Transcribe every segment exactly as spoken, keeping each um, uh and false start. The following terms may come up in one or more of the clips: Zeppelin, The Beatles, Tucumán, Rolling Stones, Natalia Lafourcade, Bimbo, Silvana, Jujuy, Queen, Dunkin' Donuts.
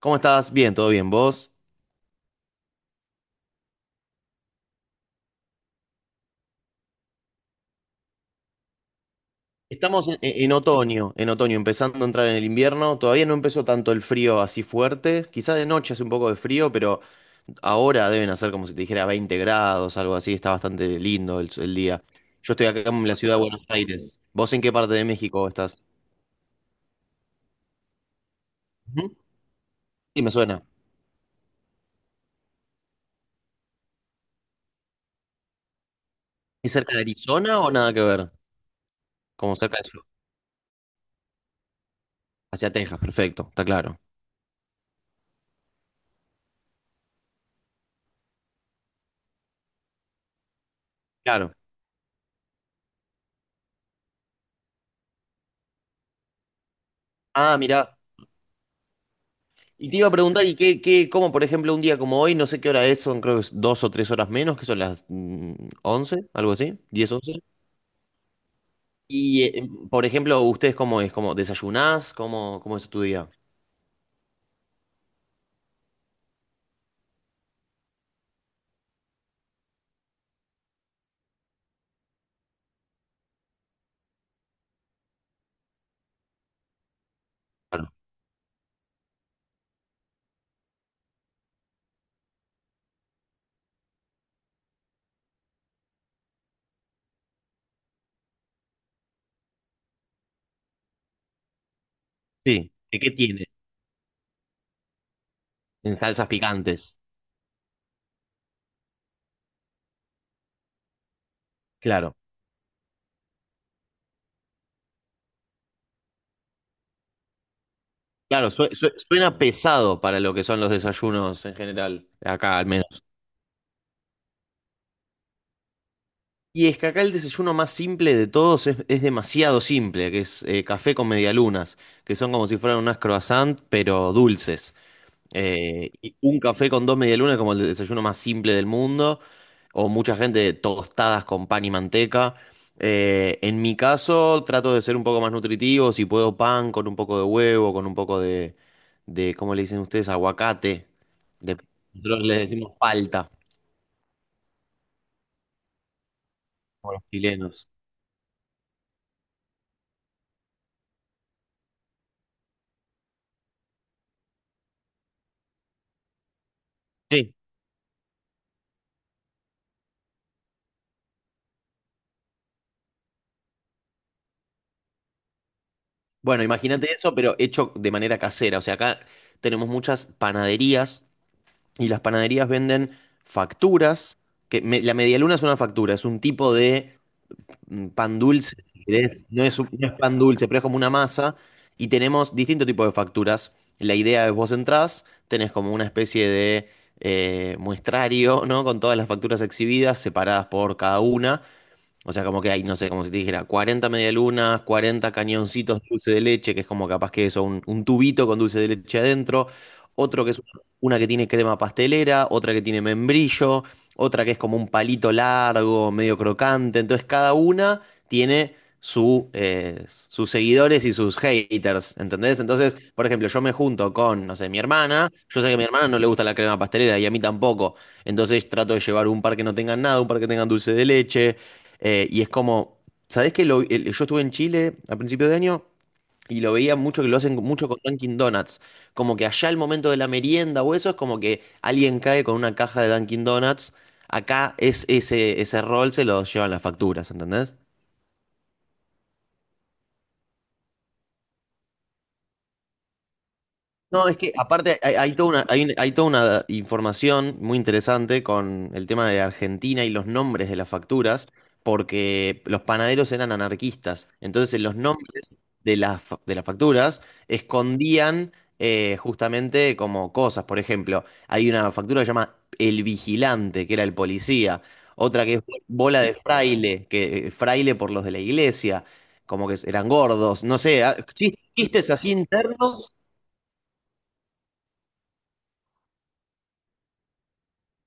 ¿Cómo estás? Bien, todo bien. ¿Vos? Estamos en, en otoño, en otoño, empezando a entrar en el invierno. Todavía no empezó tanto el frío así fuerte. Quizá de noche hace un poco de frío, pero ahora deben hacer como si te dijera veinte grados, algo así. Está bastante lindo el, el día. Yo estoy acá en la ciudad de Buenos Aires. ¿Vos en qué parte de México estás? Ujú. Sí, me suena. ¿Es cerca de Arizona o nada que ver? Como cerca de sur. Hacia Texas, perfecto, está claro. Claro. Ah, mirá. Y te iba a preguntar, ¿y qué, qué, cómo, por ejemplo, un día como hoy, no sé qué hora es, son creo que es dos o tres horas menos, que son las mm, once, algo así, diez once? Y, eh, por ejemplo, ¿ustedes cómo es? ¿Cómo desayunás? ¿Cómo, cómo es tu día? Claro. Sí. ¿Qué, qué tiene? En salsas picantes. Claro. Claro, sue- sue- suena pesado para lo que son los desayunos en general, acá al menos. Y es que acá el desayuno más simple de todos es, es demasiado simple, que es eh, café con medialunas, que son como si fueran unas croissant, pero dulces. Eh, y un café con dos medialunas es como el desayuno más simple del mundo, o mucha gente tostadas con pan y manteca. Eh, en mi caso, trato de ser un poco más nutritivo, si puedo pan con un poco de huevo, con un poco de, de ¿cómo le dicen ustedes? Aguacate. De- Nosotros le decimos palta, como los chilenos. Sí, bueno, imagínate eso, pero hecho de manera casera. O sea, acá tenemos muchas panaderías y las panaderías venden facturas, que me- la medialuna es una factura, es un tipo de mm, pan dulce, si querés. No es, un- no es pan dulce, pero es como una masa, y tenemos distintos tipos de facturas. La idea es vos entrás, tenés como una especie de eh, muestrario, ¿no? Con todas las facturas exhibidas, separadas por cada una, o sea, como que hay, no sé, como si te dijera cuarenta medialunas, cuarenta cañoncitos de dulce de leche, que es como capaz que eso, un, un tubito con dulce de leche adentro, otro que es una, una que tiene crema pastelera, otra que tiene membrillo, otra que es como un palito largo, medio crocante. Entonces cada una tiene su, eh, sus seguidores y sus haters, ¿entendés? Entonces, por ejemplo, yo me junto con, no sé, mi hermana, yo sé que a mi hermana no le gusta la crema pastelera y a mí tampoco. Entonces trato de llevar un par que no tengan nada, un par que tengan dulce de leche, eh, y es como, ¿sabés que yo estuve en Chile a principio de año y lo veía mucho que lo hacen mucho con Dunkin' Donuts? Como que allá el momento de la merienda o eso es como que alguien cae con una caja de Dunkin' Donuts. Acá es ese, ese rol se lo llevan las facturas, ¿entendés? No, es que aparte hay, hay toda una, hay, hay toda una información muy interesante con el tema de Argentina y los nombres de las facturas, porque los panaderos eran anarquistas. Entonces, en los nombres de las, fa- de las facturas escondían eh, justamente como cosas. Por ejemplo, hay una factura que se llama El Vigilante, que era el policía. Otra que es Bola de Fraile, que eh, fraile por los de la iglesia, como que eran gordos. No sé, ah, chistes así internos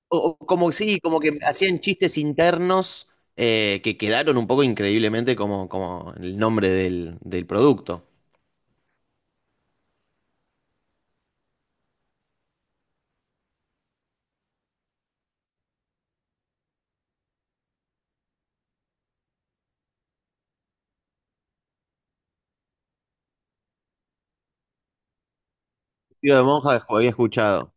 o- o como sí, como que hacían chistes internos, eh, que quedaron un poco increíblemente como, como el nombre del, del producto. Tío de monja había escuchado.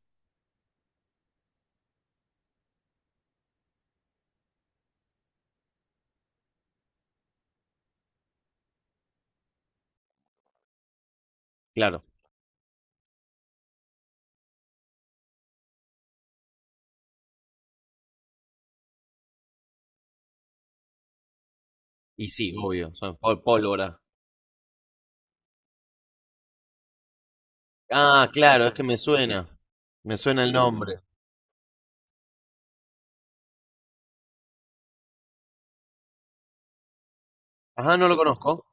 Claro. Y sí, obvio, son pol- pólvora. Ah, claro, es que me suena. Me suena el nombre. Ajá, no lo conozco.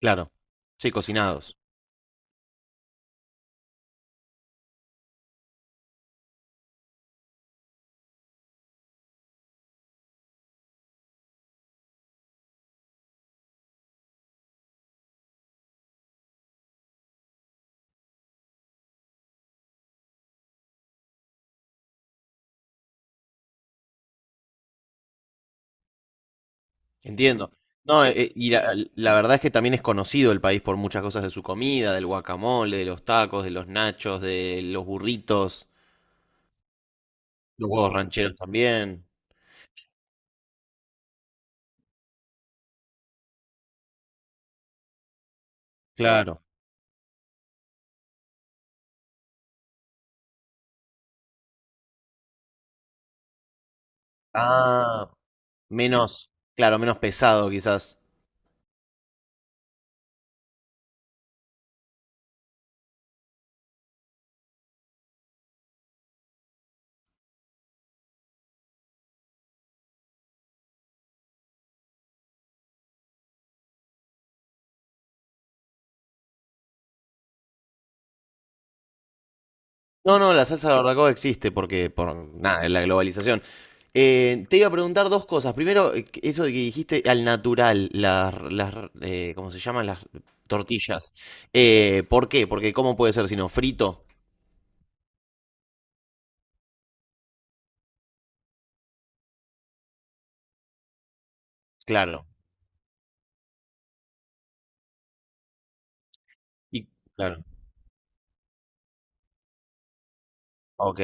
Claro. Sí, cocinados. Entiendo. No, eh, eh, y la, la verdad es que también es conocido el país por muchas cosas de su comida, del guacamole, de los tacos, de los nachos, de los burritos, los huevos rancheros también. Claro. Ah, menos, claro, menos pesado quizás. No, no, la salsa de barbacoa existe porque, por nada, es la globalización. Eh, te iba a preguntar dos cosas. Primero, eh, eso de que dijiste al natural, las, las, eh, ¿cómo se llaman? Las tortillas. Eh, ¿por qué? Porque ¿cómo puede ser sino Frito. Claro. Y, claro. Ok.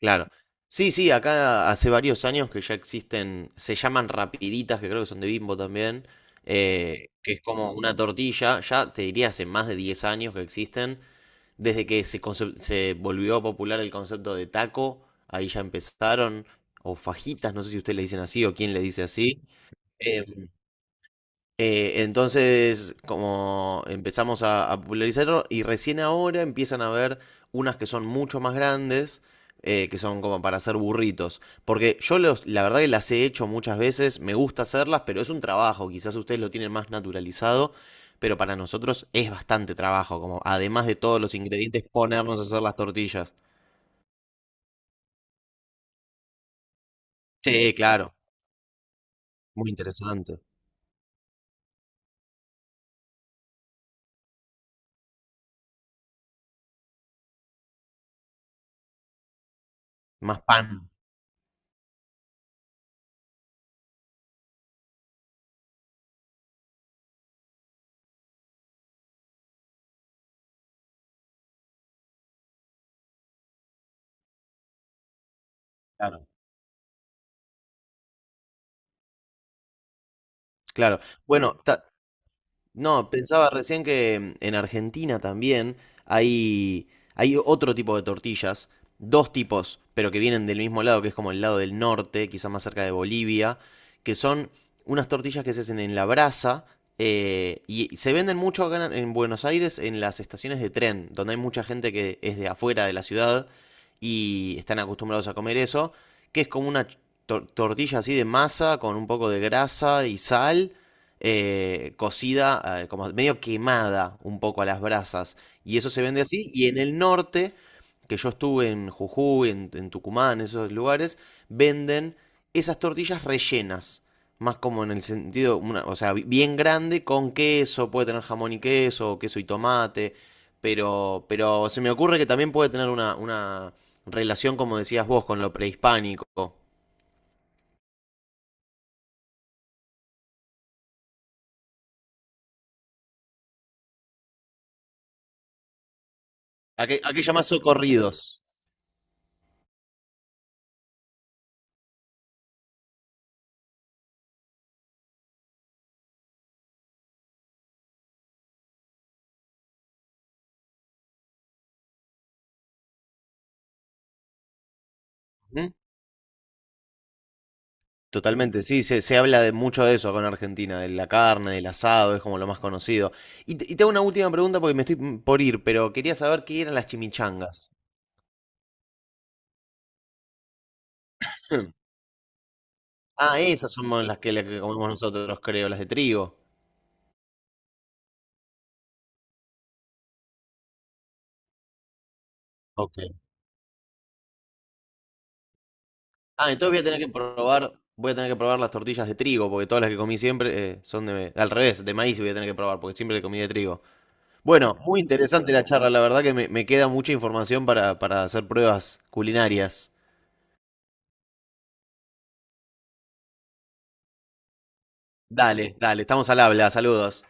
Claro. Sí, sí, acá hace varios años que ya existen, se llaman rapiditas, que creo que son de Bimbo también, eh, que es como una tortilla, ya te diría hace más de diez años que existen, desde que se, concep- se volvió popular el concepto de taco, ahí ya empezaron, o fajitas, no sé si ustedes le dicen así o quién le dice así. eh, eh, entonces, como empezamos a, a popularizarlo y recién ahora empiezan a ver unas que son mucho más grandes, eh, que son como para hacer burritos. Porque yo los, la verdad que las he hecho muchas veces, me gusta hacerlas, pero es un trabajo, quizás ustedes lo tienen más naturalizado, pero para nosotros es bastante trabajo, como además de todos los ingredientes, ponernos a hacer las tortillas. Sí, claro, muy interesante. Más pan. Claro. Claro. Bueno, ta- No, pensaba recién que mm, en Argentina también hay, hay otro tipo de tortillas, dos tipos, pero que vienen del mismo lado, que es como el lado del norte, quizá más cerca de Bolivia, que son unas tortillas que se hacen en la brasa, eh, y se venden mucho acá en en Buenos Aires en las estaciones de tren, donde hay mucha gente que es de afuera de la ciudad y están acostumbrados a comer eso, que es como una ch- tor- tortilla así de masa con un poco de grasa y sal, eh, cocida, eh, como medio quemada un poco a las brasas. Y eso se vende así. Y en el norte, que yo estuve en Jujuy, en, en Tucumán, esos lugares, venden esas tortillas rellenas. Más como en el sentido, una- o sea, bi- bien grande con queso, puede tener jamón y queso, o queso y tomate, pero, pero se me ocurre que también puede tener una, una relación, como decías vos, con lo prehispánico. ¿A qué, a qué llamás socorridos? ¿Mm? Totalmente, sí, se, se habla de mucho de eso acá en Argentina, de la carne, del asado, es como lo más conocido. Y, te- y te hago una última pregunta porque me estoy, mm, por ir, pero quería saber qué eran las chimichangas. Hmm. Ah, esas son las que, las que comemos nosotros, creo, las de trigo. Ok. Ah, entonces voy a tener que probar, voy a tener que probar las tortillas de trigo, porque todas las que comí siempre, eh, son de, al revés, de maíz voy a tener que probar, porque siempre comí de trigo. Bueno, muy interesante la charla, la verdad que me, me queda mucha información para, para, hacer pruebas culinarias. Dale, dale, estamos al habla, saludos.